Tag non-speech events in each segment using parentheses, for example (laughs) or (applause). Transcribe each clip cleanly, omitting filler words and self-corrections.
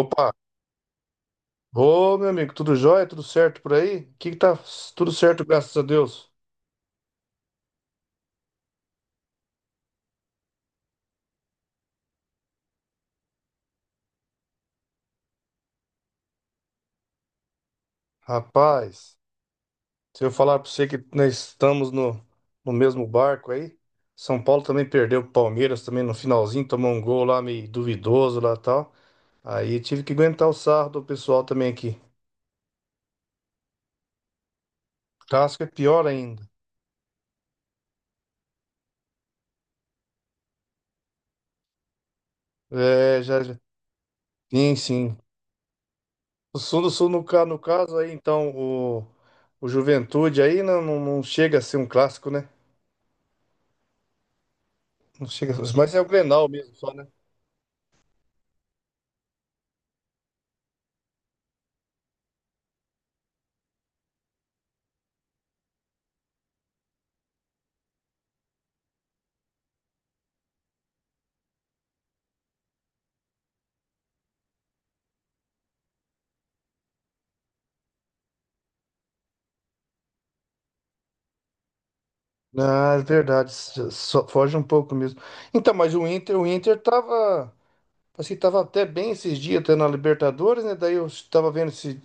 Opa! Ô, meu amigo, tudo jóia? Tudo certo por aí? O que que tá tudo certo, graças a Deus. Rapaz, se eu falar pra você que nós estamos no mesmo barco aí, São Paulo também perdeu pro Palmeiras também no finalzinho, tomou um gol lá meio duvidoso lá e tal. Aí tive que aguentar o sarro do pessoal também aqui. Casca é pior ainda. É, Sim, sim. O Sul do Sul, no caso aí, então, o Juventude aí não chega a ser um clássico, né? Não chega, mas é o Grenal mesmo, só, né? Ah, é verdade. Só, foge um pouco mesmo. Então, mas o Inter tava, assim, tava até bem esses dias, até na Libertadores, né? Daí eu tava vendo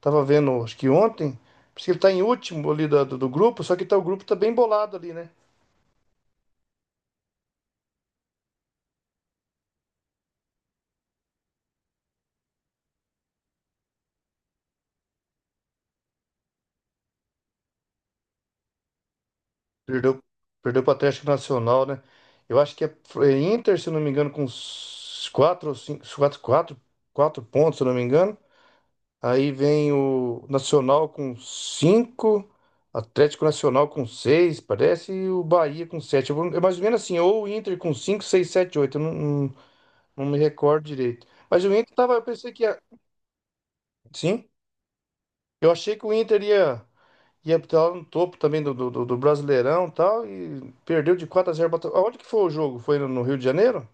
tava vendo, acho que ontem, porque ele tá em último ali do grupo, só que tá, o grupo tá bem bolado ali, né? Perdeu, perdeu pro Atlético Nacional, né? Eu acho que é Inter, se eu não me engano, com uns quatro, ou cinco, quatro pontos, se eu não me engano. Aí vem o Nacional com cinco, Atlético Nacional com seis parece, e o Bahia com sete. É mais ou menos assim, ou o Inter com cinco, seis, sete, oito. Eu não me recordo direito. Mas o Inter tava, eu pensei que ia. Sim, eu achei que o Inter ia, ia estar lá no topo também do Brasileirão e tal, e perdeu de 4 a 0. Bota- Aonde que foi o jogo? Foi no Rio de Janeiro?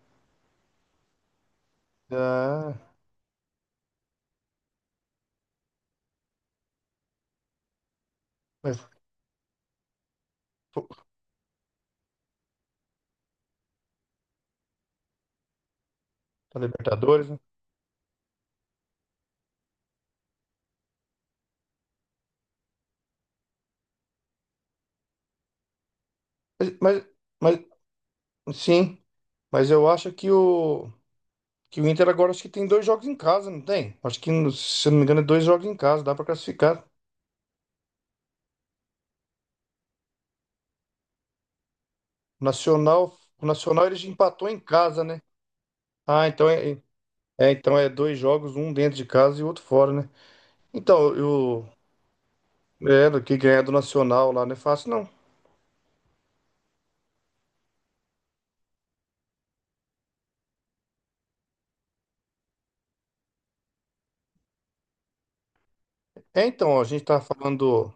Ah, mas, pô, na Libertadores, né? Mas, mas, mas, sim, mas eu acho que o. Que o Inter agora acho que tem dois jogos em casa, não tem? Acho que, se eu não me engano, é dois jogos em casa, dá pra classificar. O Nacional ele já empatou em casa, né? Ah, então então é dois jogos, um dentro de casa e outro fora, né? Então, eu, é, do que ganhar do Nacional lá não é fácil, não. É, então, a gente tá falando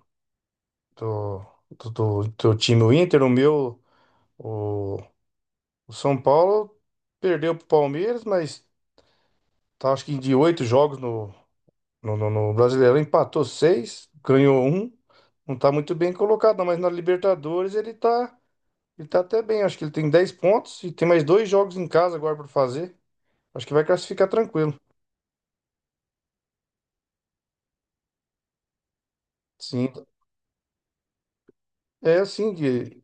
do, do time o Inter, o, o São Paulo perdeu pro Palmeiras, mas tá, acho que de 8 jogos no Brasileirão, empatou seis, ganhou um. Não tá muito bem colocado, não, mas na Libertadores ele tá até bem. Acho que ele tem 10 pontos e tem mais dois jogos em casa agora pra fazer. Acho que vai classificar tranquilo. Sim, é assim que.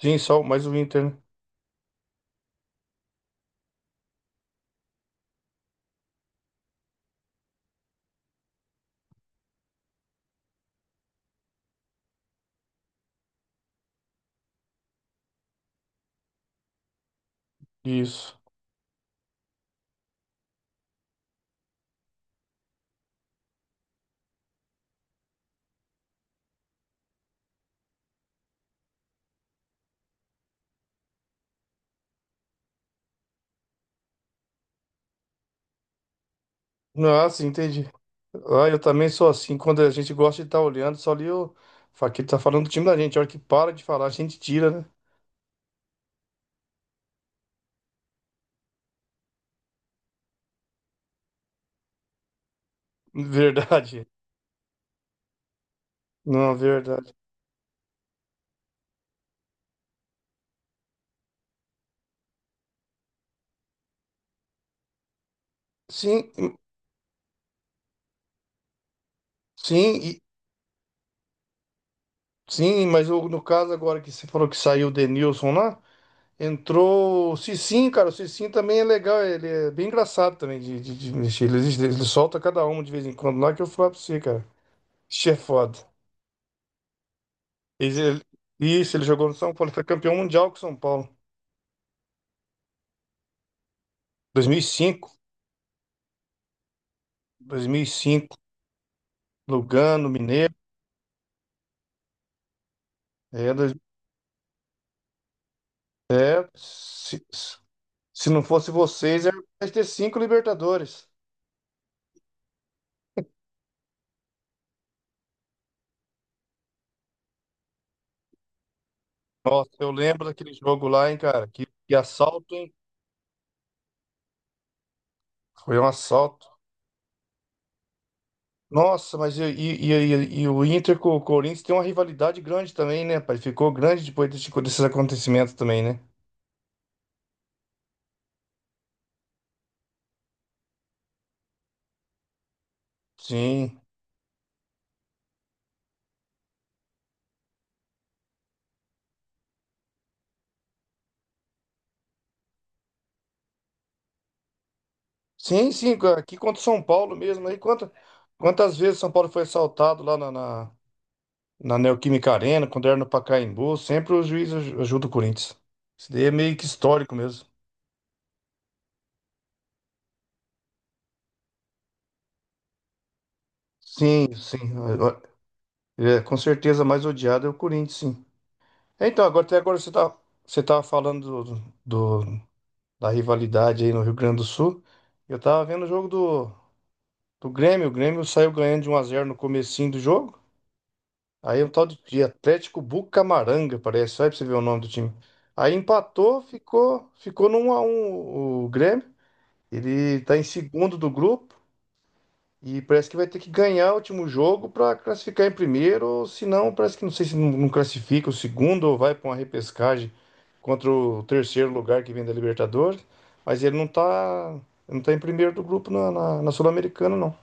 Sim, só mais o Inter, né? Isso. Ah, sim, entendi. Ah, eu também sou assim. Quando a gente gosta de estar olhando, só ali o Faquito tá falando do time da gente. A hora que para de falar, a gente tira, né? Verdade. Não, verdade. Sim, sim. Sim, mas no caso agora que você falou que saiu o Denilson lá, entrou o Cicinho, cara. O Cicinho também é legal, ele é bem engraçado também de, de mexer. Ele solta cada uma de vez em quando lá que eu falo pra você, cara. Ixi, é foda. Ele- ele- isso, ele jogou no São Paulo, ele foi campeão mundial com o São Paulo. 2005, 2005, Lugano, Mineiro. É, é se, se não fosse vocês, era mais ter cinco Libertadores. Nossa, eu lembro daquele jogo lá, hein, cara. Que assalto, hein? Foi um assalto. Nossa, mas e o Inter com o Corinthians tem uma rivalidade grande também, né, pai? Ficou grande depois desses acontecimentos também, né? Sim. Sim, sim, aqui contra o São Paulo mesmo. Aí quantas vezes São Paulo foi assaltado lá na Neoquímica Arena, quando era no Pacaembu, sempre o juiz ajuda o Corinthians. Isso daí é meio que histórico mesmo. Sim, sim. É, é, com certeza a mais odiado é o Corinthians, sim. Então, agora até agora você tá, você tava falando do, da rivalidade aí no Rio Grande do Sul. Eu tava vendo o jogo do Grêmio. O Grêmio saiu ganhando de um x 0 no comecinho do jogo. Aí um tal de Atlético Bucamaranga, parece. Só aí pra você ver o nome do time. Aí empatou, ficou no 1x1 o Grêmio. Ele tá em segundo do grupo. E parece que vai ter que ganhar o último jogo para classificar em primeiro, ou se não, parece que não sei se não classifica o segundo ou vai para uma repescagem contra o terceiro lugar que vem da Libertadores. Mas ele não tá, não tá em primeiro do grupo na Sul-Americana, não.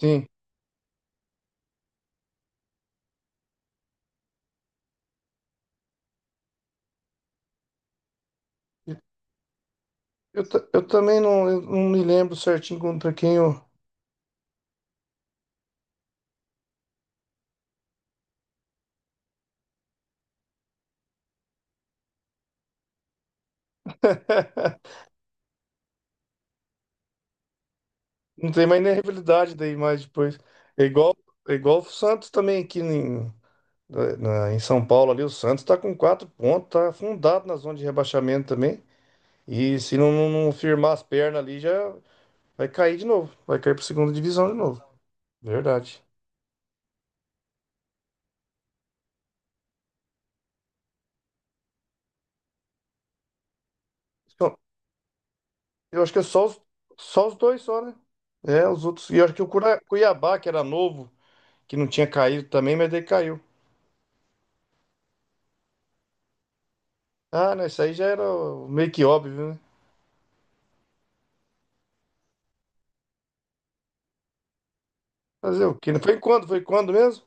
Sim. Eu, ta- eu também não, eu não me lembro certinho contra quem eu. (laughs) Não tem mais nem rivalidade daí mais depois. É igual, é igual o Santos também aqui em, em São Paulo ali, o Santos tá com 4 pontos, tá afundado na zona de rebaixamento também. E se não firmar as pernas ali, já vai cair de novo. Vai cair pra segunda divisão de novo. Verdade. Então, eu acho que é só só os dois só, né? É, os outros. E eu acho que o Cuiabá, que era novo, que não tinha caído também, mas daí caiu. Ah, né? Isso aí já era meio que óbvio, né? Fazer o quê? Né? Foi quando? Foi quando mesmo?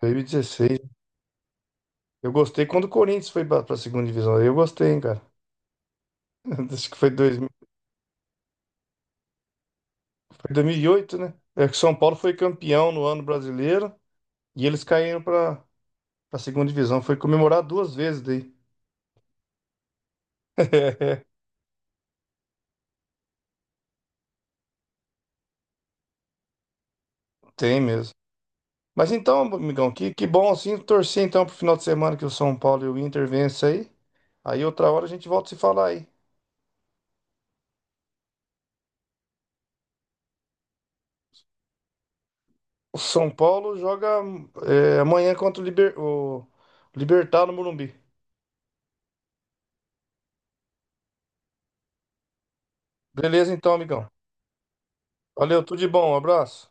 2016. Eu gostei quando o Corinthians foi pra, pra segunda divisão. Aí eu gostei, hein, cara. (laughs) Acho que foi. Foi 2008, né? É que São Paulo foi campeão no ano brasileiro e eles caíram para a segunda divisão. Foi comemorar duas vezes daí. (laughs) Tem mesmo. Mas então, amigão, que bom assim. Torcer então pro final de semana que o São Paulo e o Inter vencem aí. Aí outra hora a gente volta a se falar aí. O São Paulo joga é, amanhã contra o, Libertad no Morumbi. Beleza então, amigão. Valeu, tudo de bom, um abraço.